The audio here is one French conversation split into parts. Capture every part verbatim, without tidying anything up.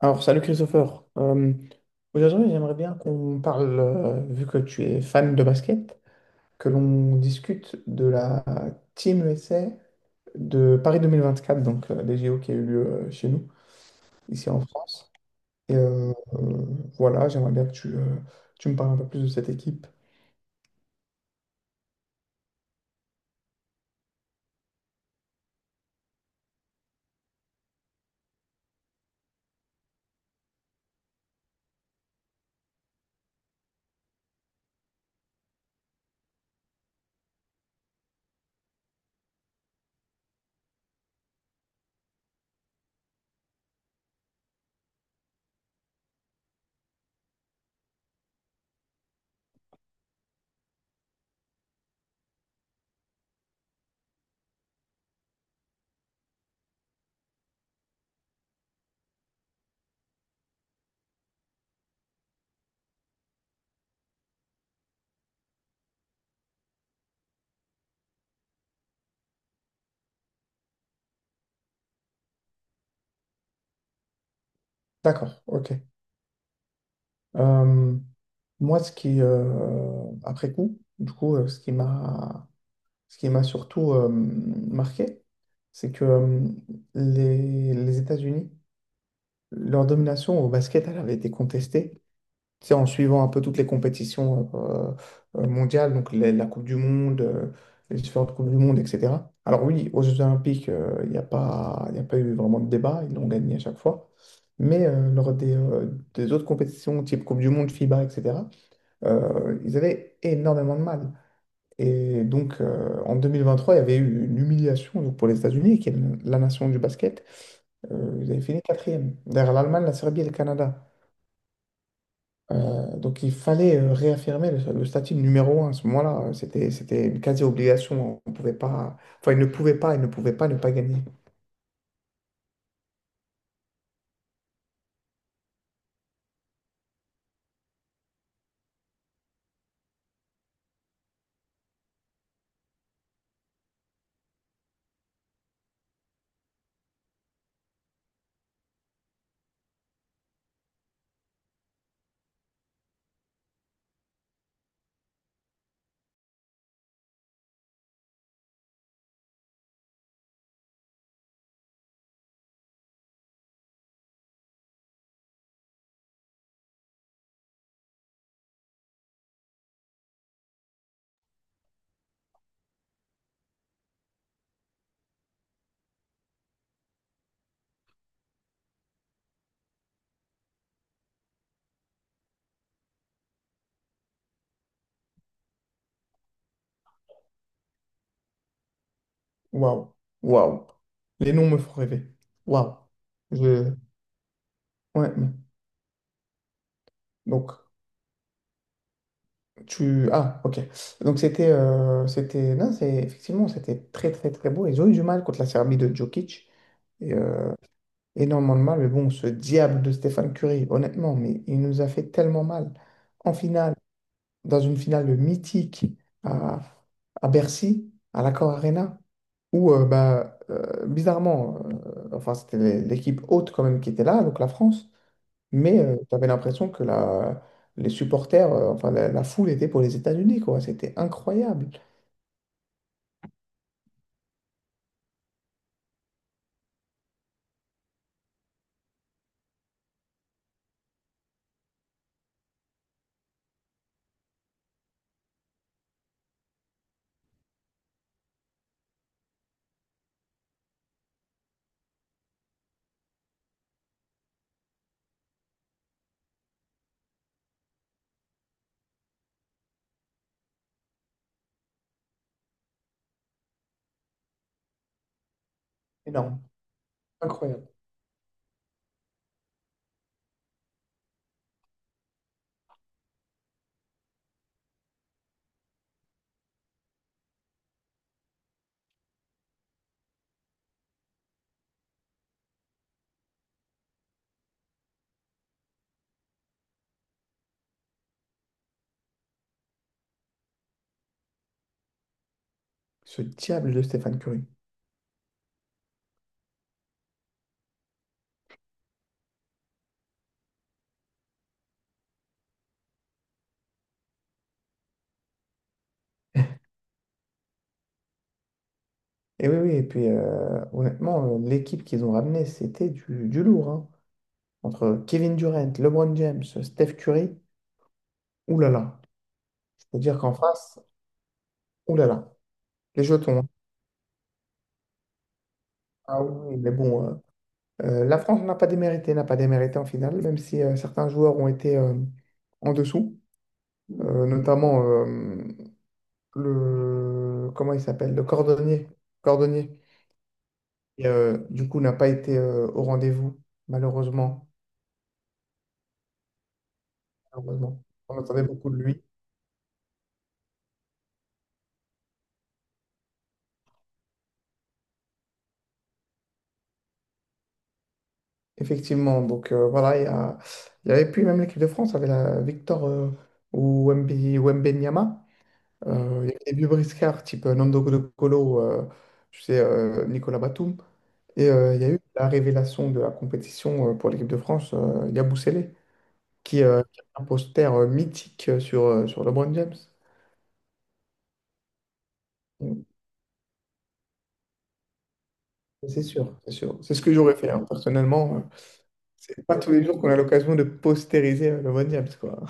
Alors, salut Christopher. Euh, aujourd'hui, j'aimerais bien qu'on parle, euh, vu que tu es fan de basket, que l'on discute de la Team U S A de Paris deux mille vingt-quatre, donc euh, des J O qui a eu lieu euh, chez nous, ici en France. Et euh, euh, voilà, j'aimerais bien que tu, euh, tu me parles un peu plus de cette équipe. D'accord, ok. Euh, Moi, ce qui, euh, après coup, du coup, euh, ce qui m'a Ce qui m'a surtout euh, marqué, c'est que euh, les, les États-Unis, leur domination au basket, elle avait été contestée. Tu sais, en suivant un peu toutes les compétitions euh, euh, mondiales, donc la, la Coupe du Monde, euh, les différentes Coupes du Monde, et cætera. Alors oui, aux Jeux Olympiques, euh, il n'y a pas, il n'y a pas eu vraiment de débat, ils l'ont gagné à chaque fois. Mais euh, lors des, euh, des autres compétitions, type Coupe du Monde, FIBA, et cætera, euh, ils avaient énormément de mal. Et donc, euh, en deux mille vingt-trois, il y avait eu une humiliation donc, pour les États-Unis, qui est la nation du basket. Euh, ils avaient fini quatrième, derrière l'Allemagne, la Serbie et le Canada. Euh, donc, il fallait euh, réaffirmer le, le statut de numéro un à ce moment-là. Euh, C'était, c'était une quasi-obligation. On pouvait pas... Enfin, ils ne pouvaient pas, ils ne pouvaient pas ne pas gagner. Waouh, waouh. Les noms me font rêver. Waouh. Je... Ouais. Donc, tu... Ah, ok. Donc c'était... euh, c'était... Non, c'est... Effectivement, c'était très, très, très beau. Ils ont eu du mal contre la Serbie de Djokic. Et, euh, énormément de mal. Mais bon, ce diable de Stéphane Curry, honnêtement, mais il nous a fait tellement mal. En finale, dans une finale mythique à, à Bercy, à l'Accor Arena, où, euh, bah, euh, bizarrement, euh, enfin, c'était l'équipe haute quand même qui était là, donc la France. Mais euh, tu avais l'impression que la, les supporters, euh, enfin la, la foule était pour les États-Unis, quoi. C'était incroyable. Énorme. Incroyable. Ce diable de Stéphane Curry. Et oui, oui, et puis euh, honnêtement, euh, l'équipe qu'ils ont ramenée, c'était du, du lourd, hein. Entre Kevin Durant, LeBron James, Steph Curry, oulala. C'est-à-dire qu'en face, oulala. Les jetons, hein. Ah oui, mais bon, euh, euh, la France n'a pas démérité, n'a pas démérité en finale, même si euh, certains joueurs ont été euh, en dessous, euh, notamment euh, le comment il s'appelle? Le cordonnier. Cordonnier. Et, euh, du coup, n'a pas été euh, au rendez-vous, malheureusement. Malheureusement. On attendait beaucoup de lui. Effectivement. Donc euh, voilà, il y a, il y avait plus même l'équipe de France avait la Victor euh, ou Wemby- Wembenyama. Euh, il y avait des vieux briscards type euh, Nando Colo, Colo, euh, tu sais, euh, Nicolas Batum. Et euh, il y a eu la révélation de la compétition euh, pour l'équipe de France, euh, Yabusele, qui, euh, qui a un poster euh, mythique euh, sur, euh, sur LeBron James. Mm. C'est sûr, c'est sûr. C'est ce que j'aurais fait, hein. Personnellement, euh, c'est pas tous les jours qu'on a l'occasion de postériser euh, le Von James, quoi.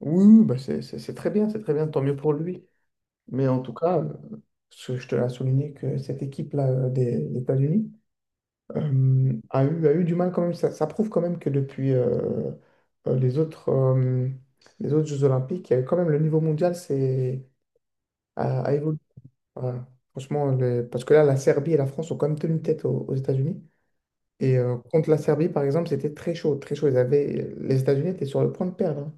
Oui, oui, bah c'est c'est- c'est très bien, c'est très bien, tant mieux pour lui. Mais en tout cas, euh, ce- je te l'ai souligné que cette équipe-là euh, des, des États-Unis euh, a eu, a eu du mal quand même. Ça, ça prouve quand même que depuis euh, euh, les autres, euh, les autres Jeux Olympiques, euh, quand même le niveau mondial c'est, a, a évolué. Voilà. Franchement, le- parce que là, la Serbie et la France ont quand même tenu tête aux, aux États-Unis. Et euh, contre la Serbie, par exemple, c'était très chaud, très chaud. Ils avaient... Les États-Unis étaient sur le point de perdre, hein.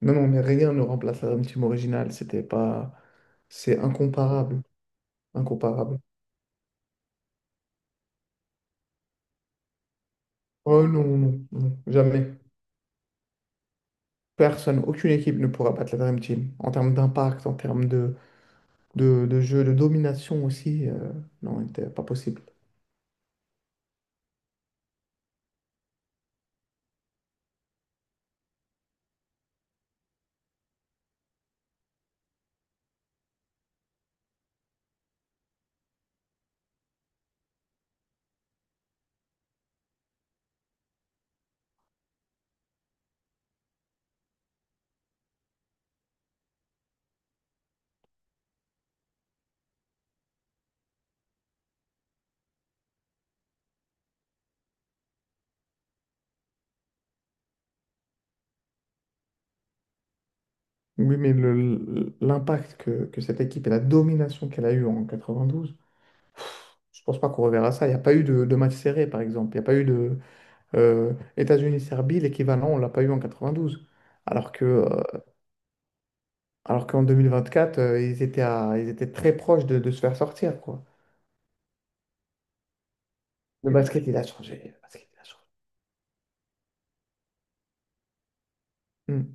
Non, non, mais rien ne remplace la Dream Team originale. C'était pas... C'est incomparable. Incomparable. Oh non, non, non, jamais. Personne, aucune équipe ne pourra battre la Dream Team. En termes d'impact, en termes de, de, de jeu, de domination aussi, euh, non, c'était pas possible. Oui, mais le- l'impact que, que cette équipe et la domination qu'elle a eue en quatre-vingt-douze, je pense pas qu'on reverra ça. Il n'y a pas eu de, de match serré, par exemple. Il n'y a pas eu de... Euh, États-Unis-Serbie, l'équivalent, on l'a pas eu en quatre-vingt-douze. Alors que, euh, alors qu'en deux mille vingt-quatre, euh, ils étaient à- ils étaient très proches de, de se faire sortir, quoi. Le basket, il a changé. Le basket, il a changé. Hmm.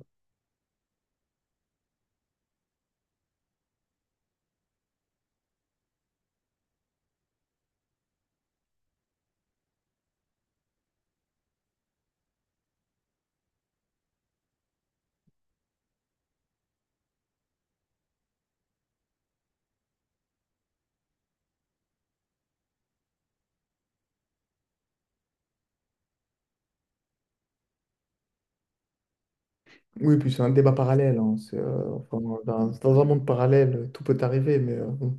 Oui, puis c'est un débat parallèle, hein. C'est, euh, enfin, dans, dans un monde parallèle, tout peut arriver, mais euh, bon.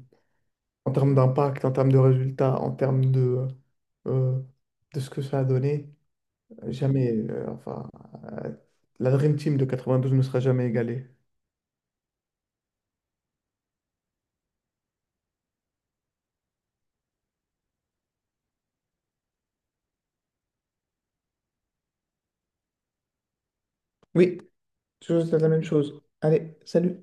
En termes d'impact, en termes de résultats, en termes de, euh, de ce que ça a donné, jamais, euh, enfin, euh, la Dream Team de quatre-vingt-douze ne sera jamais égalée. Oui, toujours la même chose. Allez, salut.